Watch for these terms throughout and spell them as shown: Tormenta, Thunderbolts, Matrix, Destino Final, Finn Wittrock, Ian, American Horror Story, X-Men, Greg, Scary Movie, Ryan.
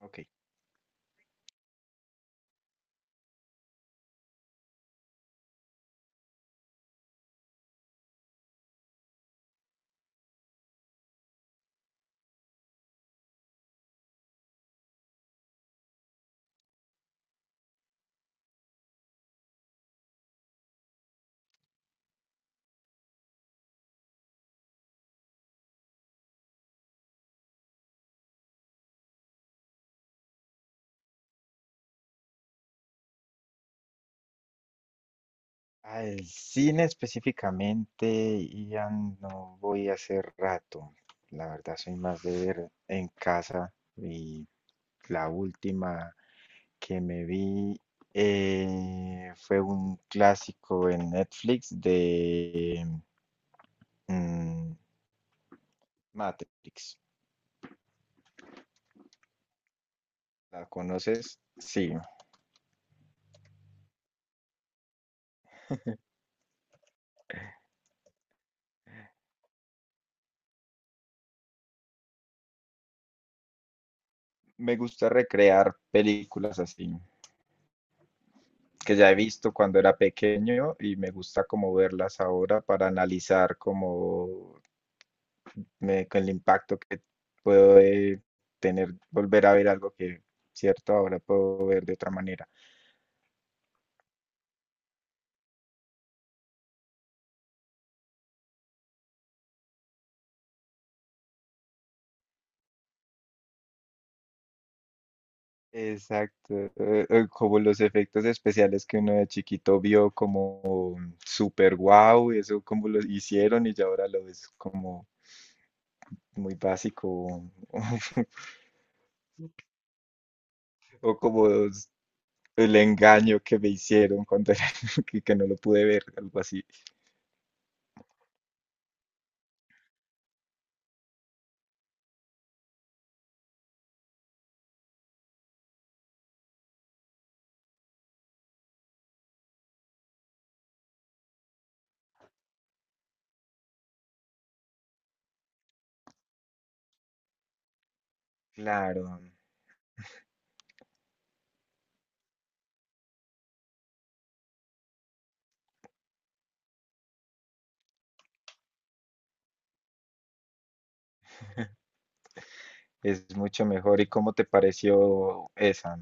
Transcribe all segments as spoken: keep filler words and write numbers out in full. Ok. Al cine específicamente, ya no voy hace rato. La verdad, soy más de ver en casa. Y la última que me vi eh, fue un clásico en Netflix de mm, Matrix. ¿La conoces? Sí. Me gusta recrear películas así, que ya he visto cuando era pequeño y me gusta como verlas ahora para analizar como me- con el impacto que puede tener volver a ver algo que, cierto, ahora puedo ver de otra manera. Exacto, eh, eh, como los efectos especiales que uno de chiquito vio como super guau, eso como lo hicieron y ya ahora lo ves como muy básico o, o como s- el engaño que me hicieron cuando era, que, que no lo pude ver, algo así. Claro, es mucho mejor. ¿Y cómo te pareció esa?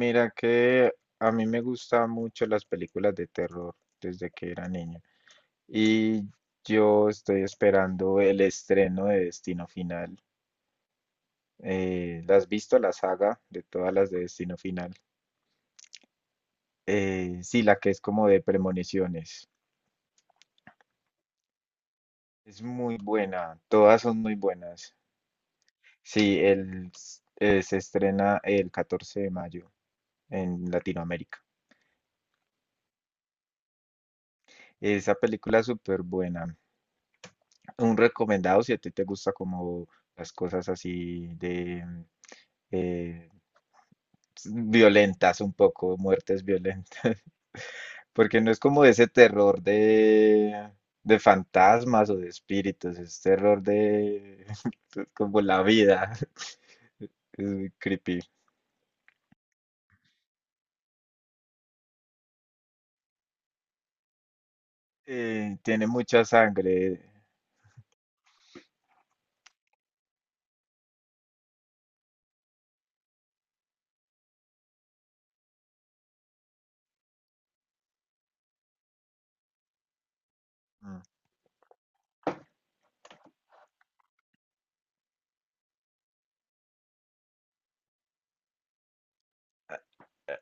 Mira que a mí me gustan mucho las películas de terror desde que era niño. Y yo estoy esperando el estreno de Destino Final. Eh, ¿la has visto la saga de todas las de Destino Final? Eh, sí, la que es como de premoniciones. Es muy buena, todas son muy buenas. Sí, el, s- eh, se estrena el catorce de mayo en Latinoamérica. Esa película es súper buena. Un recomendado si a ti te gusta como las cosas así de eh, s- violentas un poco, muertes violentas. Porque no es como ese terror de, de fantasmas o de espíritus, es terror de como la vida. Es muy creepy. Eh, tiene mucha sangre. Mm.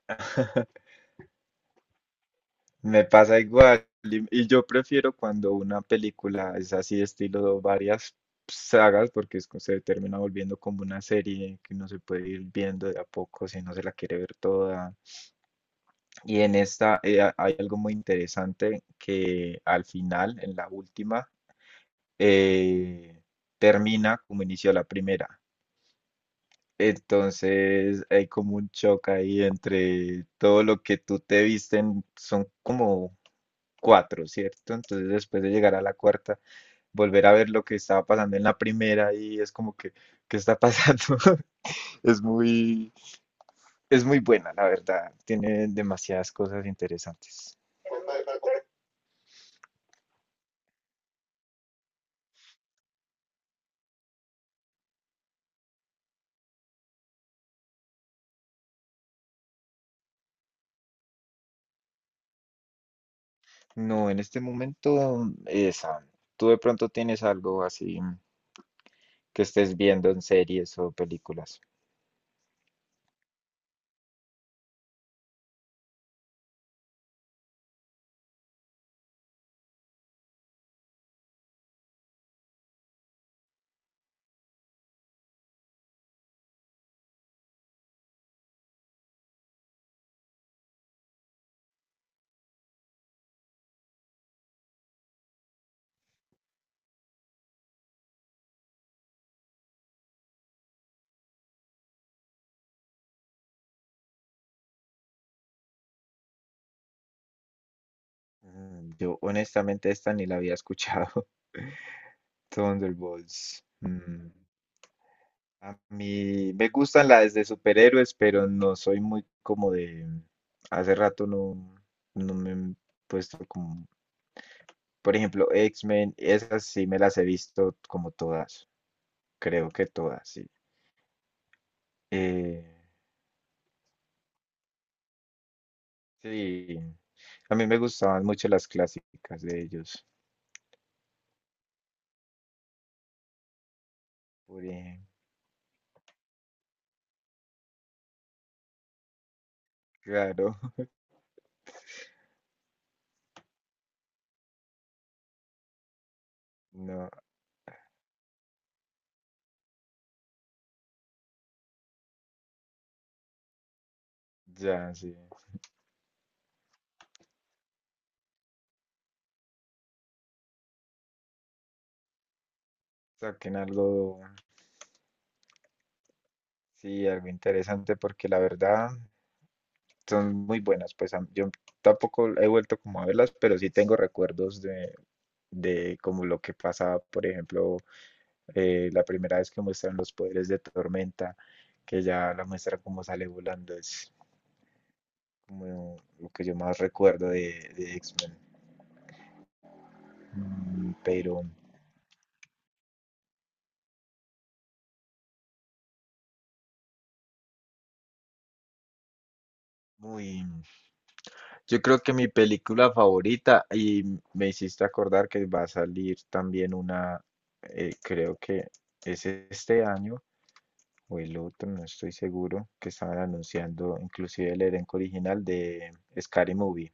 Me pasa igual. Y, y yo prefiero cuando una película es así, estilo varias sagas, porque es que se termina volviendo como una serie que uno se puede ir viendo de a poco si no se la quiere ver toda. Y en esta eh, ha- hay algo muy interesante que al final, en la última, eh, termina como inició la primera. Entonces hay como un choque ahí entre todo lo que tú te visten, son como cuatro, ¿cierto? Entonces después de llegar a la cuarta, volver a ver lo que estaba pasando en la primera y es como que, ¿qué está pasando? Es muy, es muy buena, la verdad. Tiene demasiadas cosas interesantes. No, en este momento, esa. Tú de pronto tienes algo así que estés viendo en series o películas. Mm, Yo honestamente esta ni la había escuchado. Thunderbolts. mm, A mí me gustan las de superhéroes, pero no soy muy como de... Hace rato no, no me he puesto como... Por ejemplo, X-Men, esas sí me las he visto como todas. Creo que todas, sí. Eh, sí, a mí me gustaban mucho las clásicas de ellos. Por ejemplo, claro, no, ya, sí. Saquen algo, sí, algo interesante porque la verdad... son muy buenas. Pues a- yo tampoco he vuelto como a verlas, pero sí tengo recuerdos de, de como lo que pasaba, por ejemplo, eh, la primera vez que muestran los poderes de Tormenta, que ya la muestra como sale volando, es como lo que yo más recuerdo de, de X-Men. Mm, Pero muy, yo creo que mi película favorita, y me hiciste acordar que va a salir también una, eh, creo que es este año o el otro, no estoy seguro, que estaban anunciando inclusive el elenco original de Scary Movie.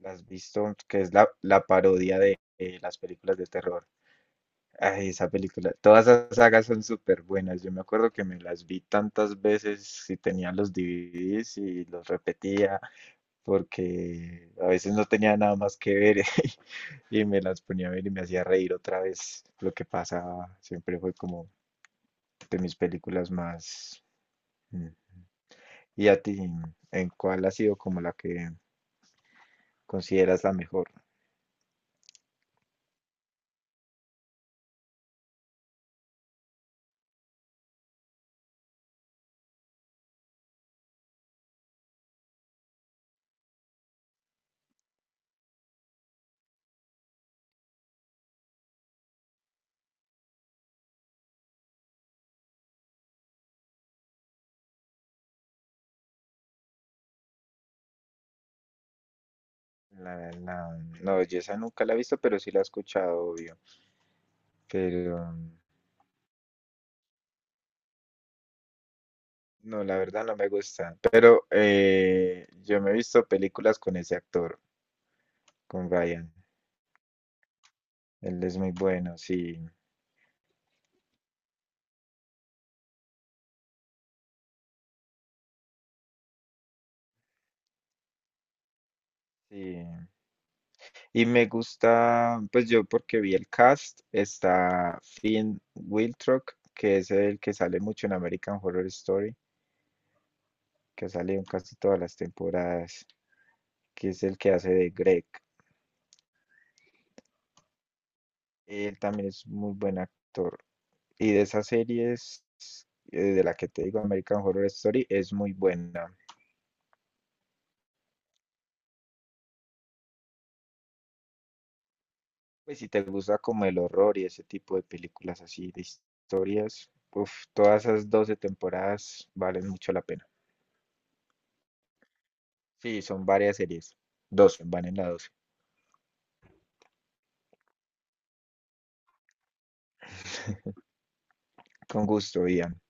¿La has visto? Que es la, la parodia de eh, las películas de terror. Ay, esa película, todas esas sagas son súper buenas. Yo me acuerdo que me las vi tantas veces si tenía los D V Ds y los repetía. Porque a veces no tenía nada más que ver y me las ponía a ver y me hacía reír otra vez lo que pasaba. Siempre fue como de mis películas más... mm. ¿Y a ti, en cuál ha sido como la que consideras la mejor? La, la... No, yo esa nunca la he visto, pero sí la he escuchado, obvio. Pero mm, no, la verdad no me gusta. Pero eh, yo me he visto películas con ese actor, con Ryan. Él es muy bueno, sí. Sí. Y me gusta, pues yo porque vi el cast, está Finn Wittrock que es el que sale mucho en American Horror Story, que ha salido en casi todas las temporadas, que es el que hace de Greg. Él también es muy buen actor. Y de esas series, eh, de la que te digo, American Horror Story, es muy buena. Pues si te gusta como el horror y ese tipo de películas así, de historias, uf, todas esas doce temporadas valen mucho la pena. Sí, son varias series. doce, van en la doce. Con gusto, Ian.